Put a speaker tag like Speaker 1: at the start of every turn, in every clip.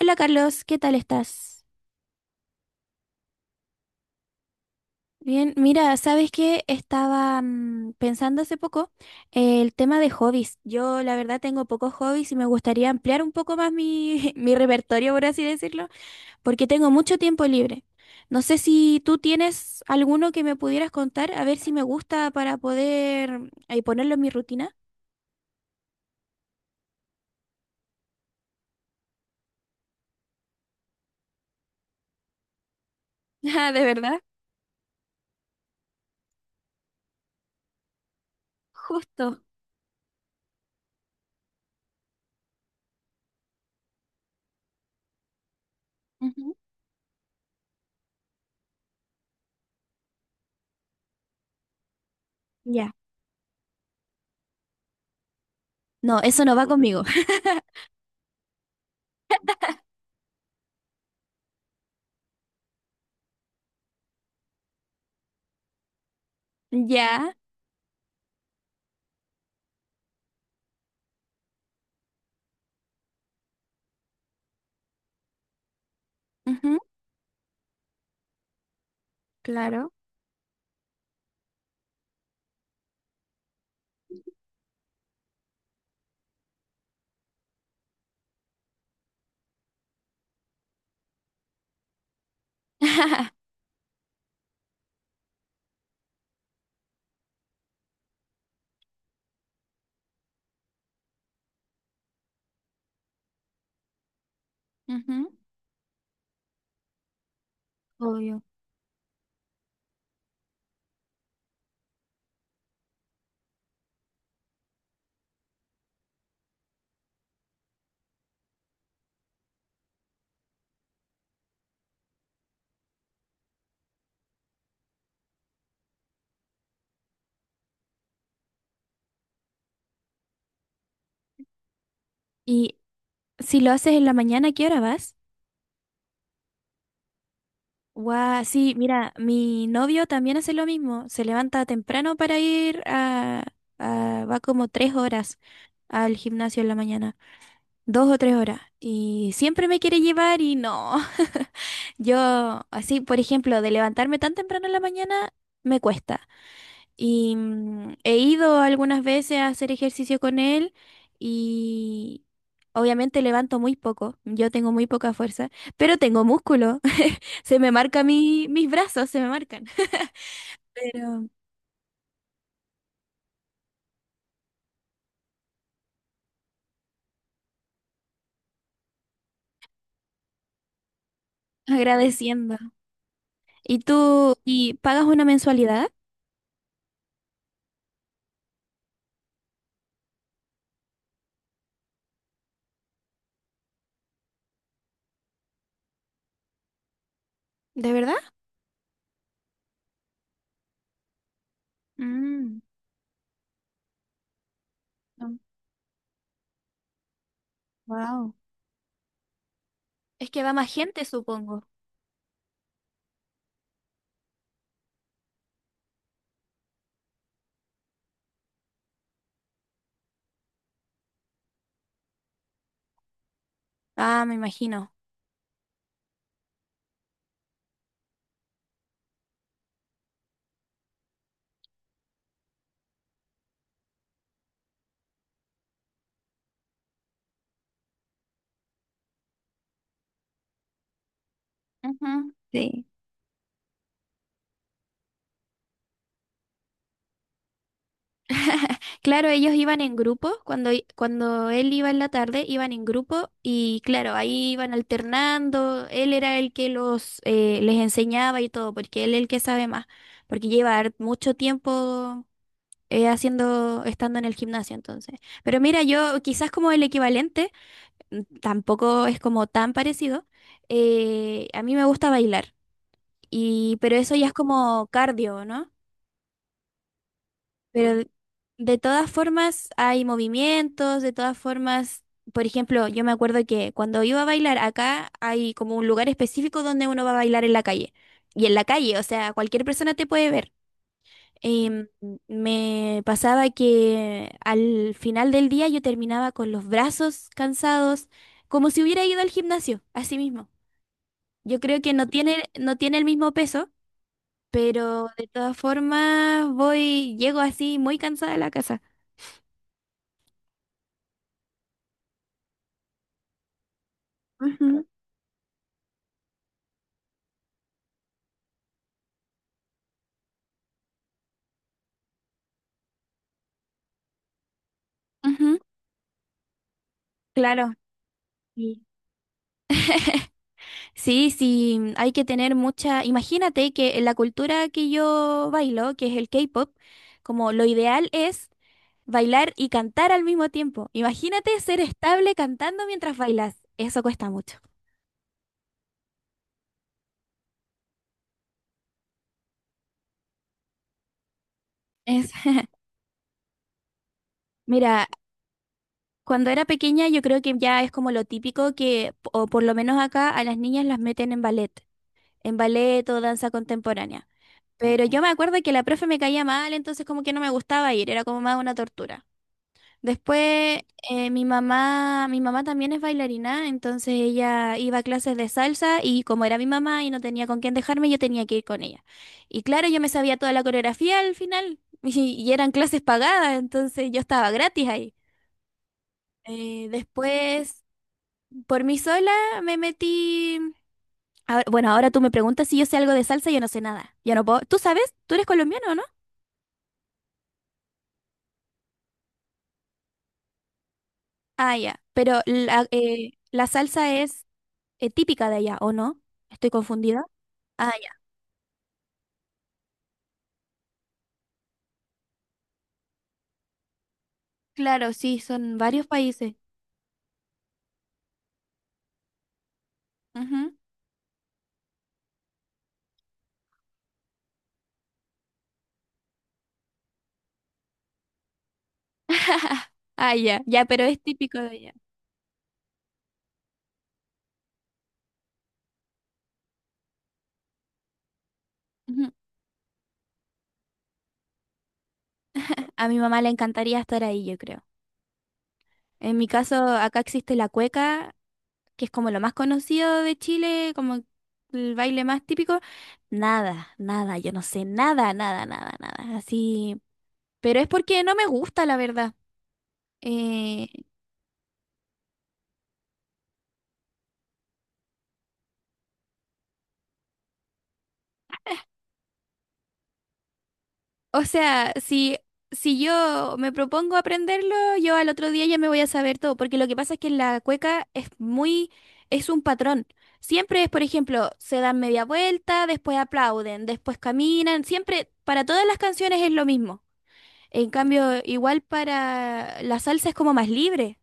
Speaker 1: Hola Carlos, ¿qué tal estás? Bien, mira, ¿sabes qué? Estaba pensando hace poco el tema de hobbies. Yo la verdad tengo pocos hobbies y me gustaría ampliar un poco más mi, mi repertorio, por así decirlo, porque tengo mucho tiempo libre. No sé si tú tienes alguno que me pudieras contar, a ver si me gusta para poder ponerlo en mi rutina. Ah, ¿de verdad? Justo. Ujú. Ya. No, eso no va conmigo. Ya. Ujú. Claro. Ujú. Obvio. Y si lo haces en la mañana, ¿a ¿qué hora vas? Guau, sí, mira, mi novio también hace lo mismo. Se levanta temprano para ir a, va como 3 horas al gimnasio en la mañana. 2 o 3 horas. Y siempre me quiere llevar y no. Yo, así, por ejemplo, de levantarme tan temprano en la mañana, me cuesta. Y he ido algunas veces a hacer ejercicio con él y obviamente levanto muy poco. Yo tengo muy poca fuerza, pero tengo músculo. Se me marca mis brazos, se me marcan. Pero agradeciendo. ¿Y tú, y pagas una mensualidad? ¿De verdad? Mm, wow. Es que va más gente, supongo. Ah, me imagino. Ujú. Sí. Claro, ellos iban en grupo, cuando, cuando él iba en la tarde, iban en grupo y claro, ahí iban alternando, él era el que los les enseñaba y todo, porque él es el que sabe más, porque lleva mucho tiempo haciendo, estando en el gimnasio entonces. Pero mira, yo quizás como el equivalente, tampoco es como tan parecido, a mí me gusta bailar, y, pero eso ya es como cardio, ¿no? Pero de todas formas hay movimientos, de todas formas, por ejemplo, yo me acuerdo que cuando iba a bailar acá hay como un lugar específico donde uno va a bailar en la calle. Y en la calle, o sea, cualquier persona te puede ver. Em, me pasaba que al final del día yo terminaba con los brazos cansados, como si hubiera ido al gimnasio, así mismo. Yo creo que no tiene el mismo peso, pero de todas formas voy, llego así muy cansada a la casa. Ujú. Ujú, claro. Sí. Sí, sí, hay que tener mucha. Imagínate que en la cultura que yo bailo, que es el K-pop, como lo ideal es bailar y cantar al mismo tiempo. Imagínate ser estable cantando mientras bailas. Eso cuesta mucho. Es... Mira, cuando era pequeña yo creo que ya es como lo típico que, o por lo menos acá, a las niñas las meten en ballet o danza contemporánea. Pero yo me acuerdo que la profe me caía mal, entonces como que no me gustaba ir, era como más una tortura. Después mi mamá también es bailarina, entonces ella iba a clases de salsa y como era mi mamá y no tenía con quién dejarme, yo tenía que ir con ella. Y claro, yo me sabía toda la coreografía al final y eran clases pagadas, entonces yo estaba gratis ahí. Después, por mí sola me metí. Bueno, ahora tú me preguntas si yo sé algo de salsa, yo no sé nada. Yo no puedo. ¿Tú sabes? ¿Tú eres colombiano, o no? Ah, ya. Pero la salsa es típica de allá, ¿o no? Estoy confundida. Ah, ya. Claro, sí, son varios países. Ujú. Ah, ya. Ya, pero es típico de allá. Ujú. A mi mamá le encantaría estar ahí, yo creo. En mi caso, acá existe la cueca, que es como lo más conocido de Chile, como el baile más típico. Nada, nada, yo no sé, nada, nada, nada, nada. Así. Pero es porque no me gusta, la verdad. Eh, O sea, si yo me propongo aprenderlo, yo al otro día ya me voy a saber todo, porque lo que pasa es que la cueca es muy, es un patrón. Siempre es, por ejemplo, se dan media vuelta, después aplauden, después caminan, siempre, para todas las canciones es lo mismo. En cambio, igual para la salsa es como más libre,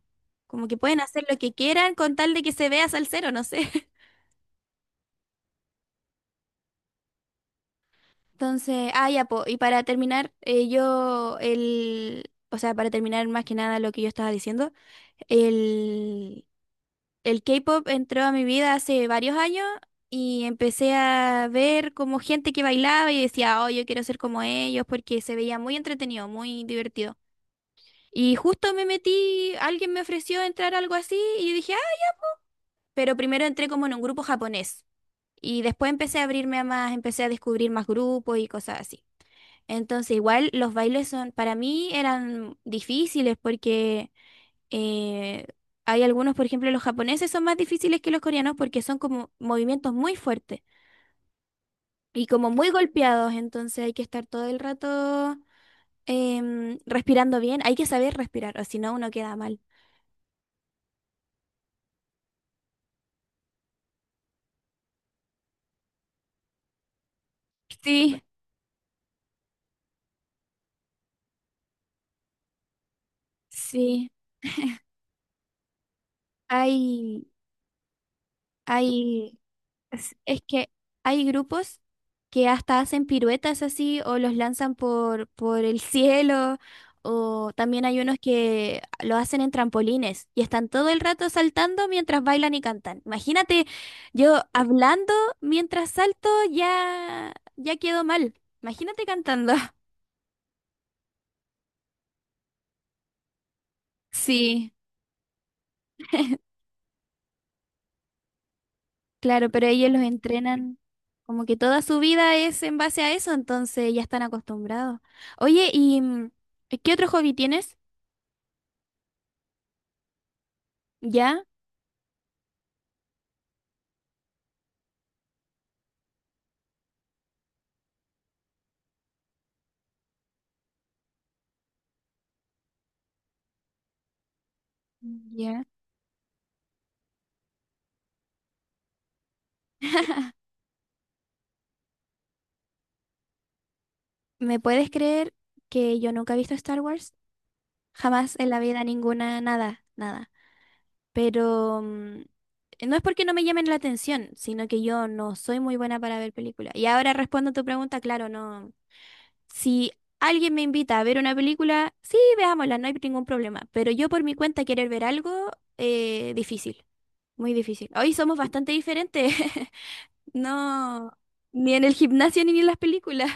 Speaker 1: como que pueden hacer lo que quieran con tal de que se vea salsero, no sé. Entonces, ah, ya, po, y para terminar, o sea, para terminar más que nada lo que yo estaba diciendo. El, el K-pop entró a mi vida hace varios años y empecé a ver como gente que bailaba y decía, oh, yo quiero ser como ellos porque se veía muy entretenido, muy divertido. Y justo me metí, alguien me ofreció entrar a algo así y yo dije, ah, pero primero entré como en un grupo japonés y después empecé a abrirme a más, empecé a descubrir más grupos y cosas así. Entonces igual los bailes son, para mí eran difíciles porque. Eh, hay algunos, por ejemplo, los japoneses son más difíciles que los coreanos porque son como movimientos muy fuertes y como muy golpeados, entonces hay que estar todo el rato respirando bien, hay que saber respirar, o si no uno queda mal. Sí, sí, hay, hay. Es que hay grupos que hasta hacen piruetas así o los lanzan por el cielo o también hay unos que lo hacen en trampolines y están todo el rato saltando mientras bailan y cantan. Imagínate, yo hablando mientras salto ya, ya quedo mal. Imagínate cantando. Sí, claro, pero ellos los entrenan como que toda su vida es en base a eso, entonces ya están acostumbrados. Oye, ¿y qué otro hobby tienes? ¿Ya? Ya. ¿Me puedes creer que yo nunca he visto Star Wars? Jamás en la vida ninguna, nada, nada. Pero no es porque no me llamen la atención, sino que yo no soy muy buena para ver películas. Y ahora respondo a tu pregunta, claro, no. Si alguien me invita a ver una película, sí, veámosla, no hay ningún problema. Pero yo por mi cuenta querer ver algo, difícil, muy difícil. Hoy somos bastante diferentes. No, ni en el gimnasio ni en las películas.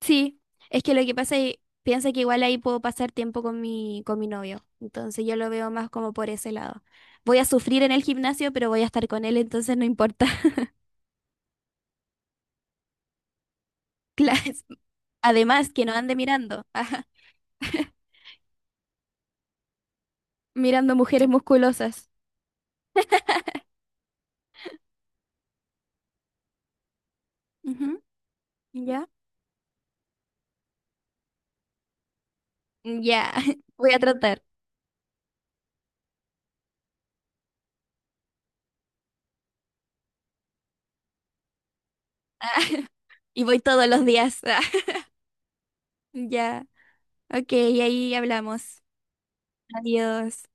Speaker 1: Sí, es que lo que pasa es, piensa que igual ahí puedo pasar tiempo con con mi novio, entonces yo lo veo más como por ese lado. Voy a sufrir en el gimnasio, pero voy a estar con él, entonces no importa. Claro, es- Además, que no ande mirando, ajá, mirando mujeres musculosas. Ujú. ¿Ya? Ya, voy a tratar. Y voy todos los días. Ya, ok, ahí hablamos. Adiós.